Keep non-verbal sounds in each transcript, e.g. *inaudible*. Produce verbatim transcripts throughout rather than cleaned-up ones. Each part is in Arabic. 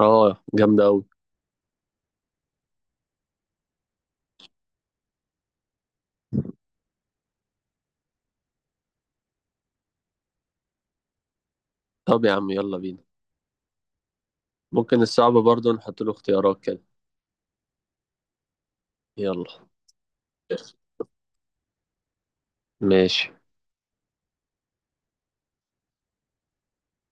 اه جامدة أوي. طب يا عم يلا بينا. ممكن الصعب برضه نحط له اختيارات كده. يلا ماشي.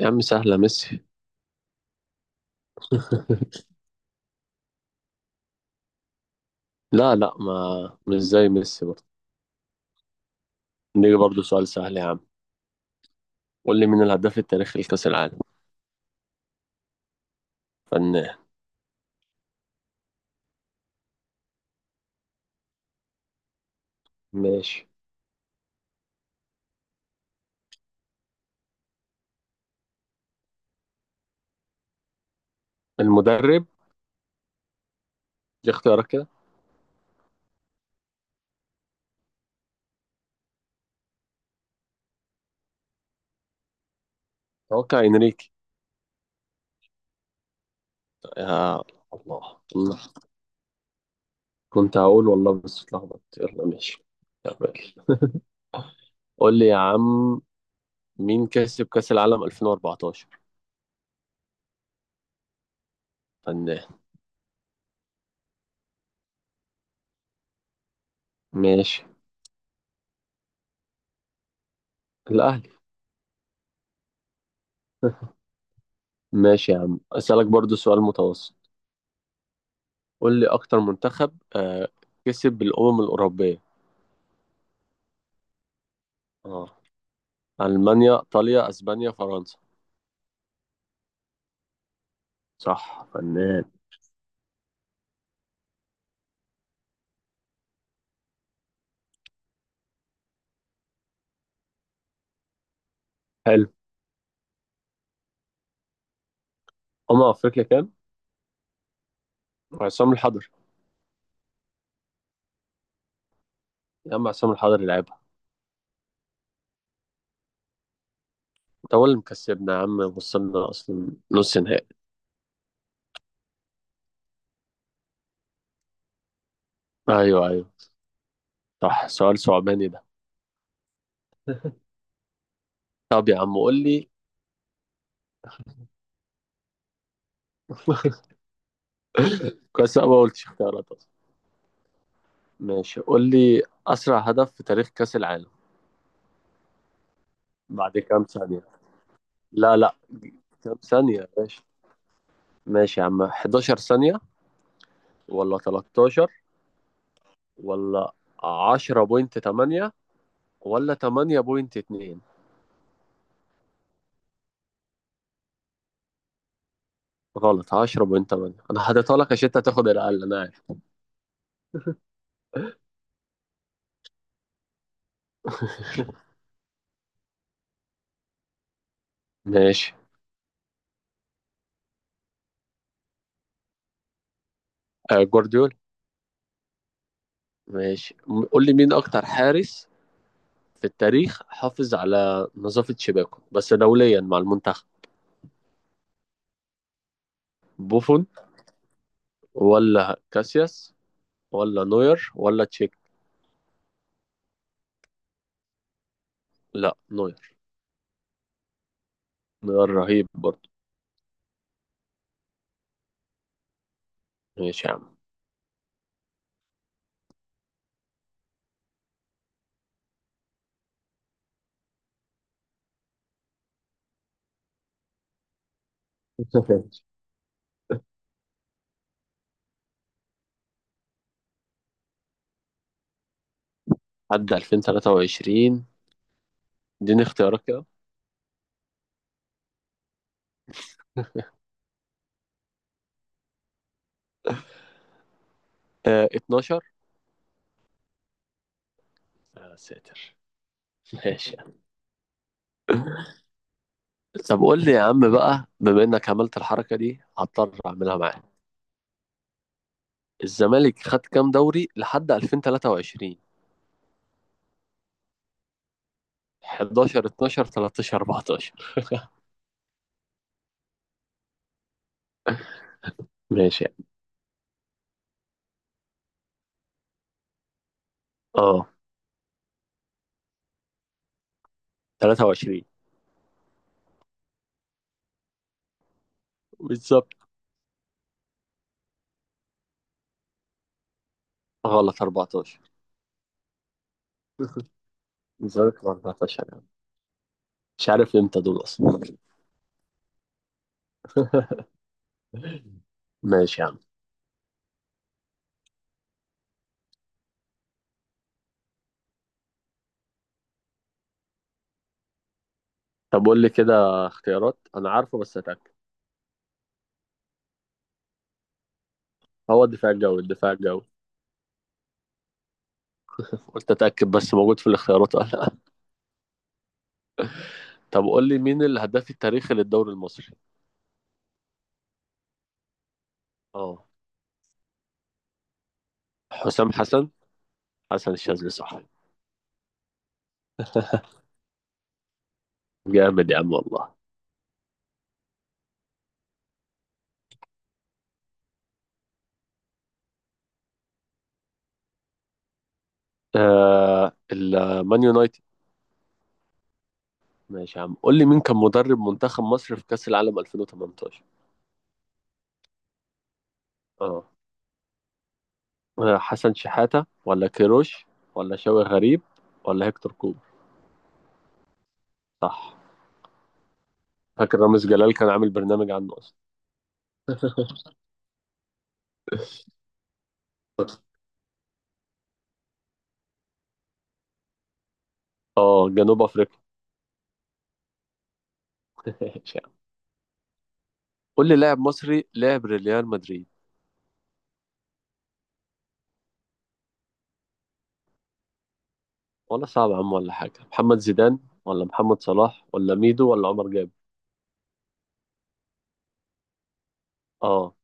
يا عم سهلة، ميسي. *laughs* لا لا، ما مش زي ميسي برضه. نيجي برضه سؤال سهل يا عم، قول لي مين الهداف التاريخي لكأس العالم. فنان. ماشي. المدرب. دي اختيارات كده. اتوقع انريكي. يا الله الله. كنت هقول والله بس اتلخبطت. يلا ماشي. تمام. قول لي يا عم، مين كسب كأس العالم ألفين وأربعتاشر؟ فنان. ماشي. الأهلي. ماشي يا عم أسألك برضو سؤال متوسط. قول لي أكتر منتخب آه كسب بالأمم الأوروبية. اه، ألمانيا، إيطاليا، أسبانيا، فرنسا. صح فنان. حلو. أمم أفريقيا كام؟ عصام الحضري. يا عم عصام الحضري لعبها. أنت هو اللي مكسبنا يا عم، وصلنا أصلا نص نهائي. أيوه أيوه. صح، سؤال صعباني ده. طب يا عم قول لي. *laughs* كويس أنا ما قلتش اختيارات أصلا. ماشي، قول لي أسرع هدف في تاريخ كأس العالم. بعد كام ثانية. لا لا، كام ثانية يا باشا؟ ماشي يا عم، حداشر ثانية، ولا تلتاشر، ولا عشرة فاصلة ثمانية، ولا ثمانية فاصلة اثنين. غلط، عشرة فاصلة تمنية. انا حاططها لك عشان انت هتاخد الاقل، انا عارف. ماشي. آه جوارديولا. ماشي م- قول لي مين اكتر حارس في التاريخ حافظ على نظافة شباكه، بس دوليا مع المنتخب. بوفون، ولا كاسياس، ولا نوير، ولا تشيك. لا، نوير. نوير رهيب برضه. ماشي يا عم. *laughs* عدى ألفين وتلاتة وعشرين. اديني اختيارات كده. آه اثنا عشر. يا ساتر. ماشي. *laughs* طب قول لي يا عم بقى، بما انك عملت الحركه دي هضطر اعملها معاك. الزمالك خد كام دوري لحد ألفين وتلاتة وعشرين؟ حداشر، اتناشر، تلتاشر، أربعتاشر. *laughs* ماشي يعني. اه، تلاتة وعشرين. بالظبط. غلط، أربعتاشر. الزمالك أربعتاشر يعني. مش عارف امتى دول اصلا. *laughs* ماشي يا عم. طب قول لي كده اختيارات، انا عارفه بس اتاكد. هو الدفاع الجوي الدفاع الجوي. قلت اتاكد بس موجود في الاختيارات ولا. طب قول لي مين الهداف التاريخي للدوري المصري. اه، حسام حسن. حسن الشاذلي صح. *laughs* جامد يا عم والله. آه المان يونايتد. ماشي يا عم، قول لي مين كان مدرب منتخب مصر في كأس العالم ألفين وتمنتاشر؟ اه. آه حسن شحاتة، ولا كيروش، ولا شوقي غريب، ولا هيكتور كوبر. صح. فاكر رامز جلال كان عامل برنامج عنه اصلا. *laughs* اه جنوب افريقيا. *laughs* ماشي يا عم. قول لي لاعب مصري لعب ريال مدريد. ولا صعب يا عم ولا حاجة، محمد زيدان، ولا محمد صلاح، ولا ميدو، ولا عمر جاب. اه.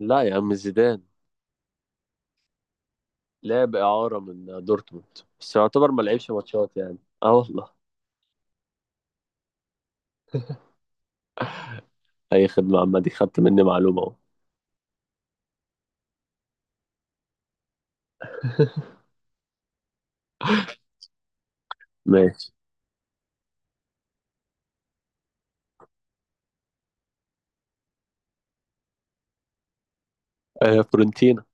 لا يا عم زيدان. لعب إعارة من دورتموند، بس يعتبر ما لعبش ماتشات يعني. اه والله. أي خدمة، عامة دي خدت مني معلومة أهو. *laughs* ماشي. آه فورنتينا.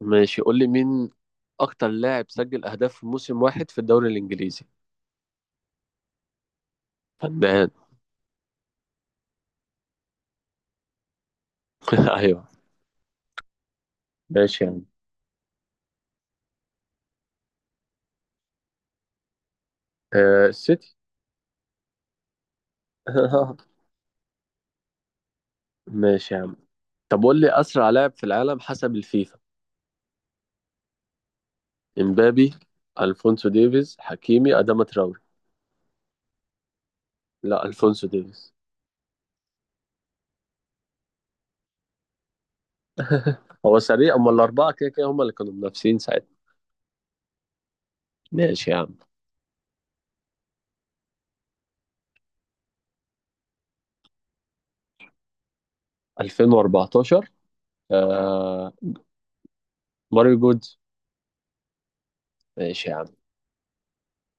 ماشي قول لي مين أكتر لاعب سجل أهداف في موسم واحد في الدوري الإنجليزي. فنان. *laughs* أيوه. ماشي يا عم. آه السيتي. *laughs* ماشي يا عم. طب قول لي أسرع لاعب في العالم حسب الفيفا. امبابي، الفونسو ديفيز، حكيمي، اداما تراوري. لا، الفونسو ديفيز. هو سريع، اما الاربعه كده كده هم اللي كانوا منافسين ساعتها. ماشي يا عم. ألفين وأربعتاشر. آه ماريو جودز. ماشي يا عم.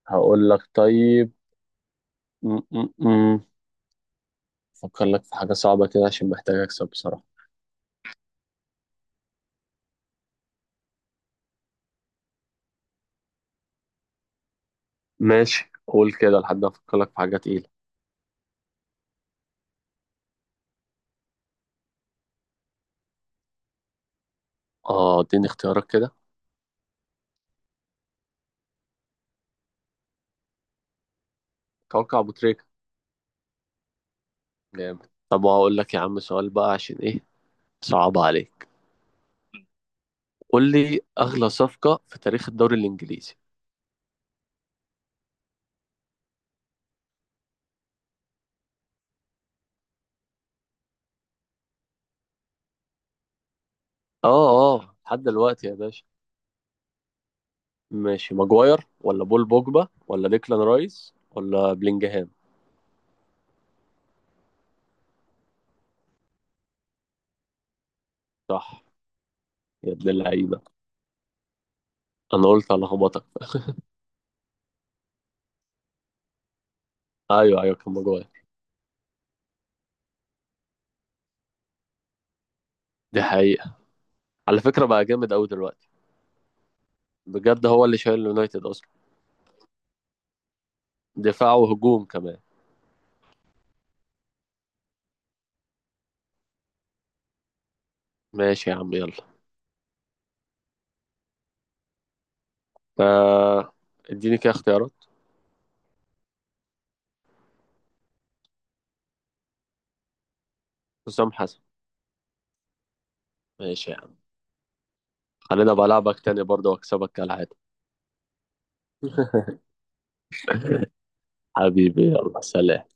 هقول لك طيب. م -م -م. افكر لك في حاجه صعبه كده عشان محتاج اكسب بصراحه. ماشي، قول كده لحد ما افكر لك في حاجه تقيله. اه، اديني اختيارات كده. توقع ابو تريكه. جامد. طب هقول لك يا عم سؤال بقى عشان ايه صعب عليك. قول لي اغلى صفقه في تاريخ الدوري الانجليزي. اه اه لحد دلوقتي يا باشا. ماشي، ماجواير، ولا بول بوجبا، ولا ديكلان رايس، ولا بلينجهام. صح. يا ابن اللعيبه. انا قلت هلخبطك. ايوه ايوه كان ماجواير. دي حقيقه. على فكره بقى جامد قوي دلوقتي. بجد، هو اللي شايل اليونايتد اصلا. دفاع وهجوم كمان. ماشي يا عم. يلا. آه، اديني كده اختيارات. حسام حسن. ماشي يا عم. خلينا بلعبك تاني برضه واكسبك كالعاده. *laughs* حبيبي يلا سلام.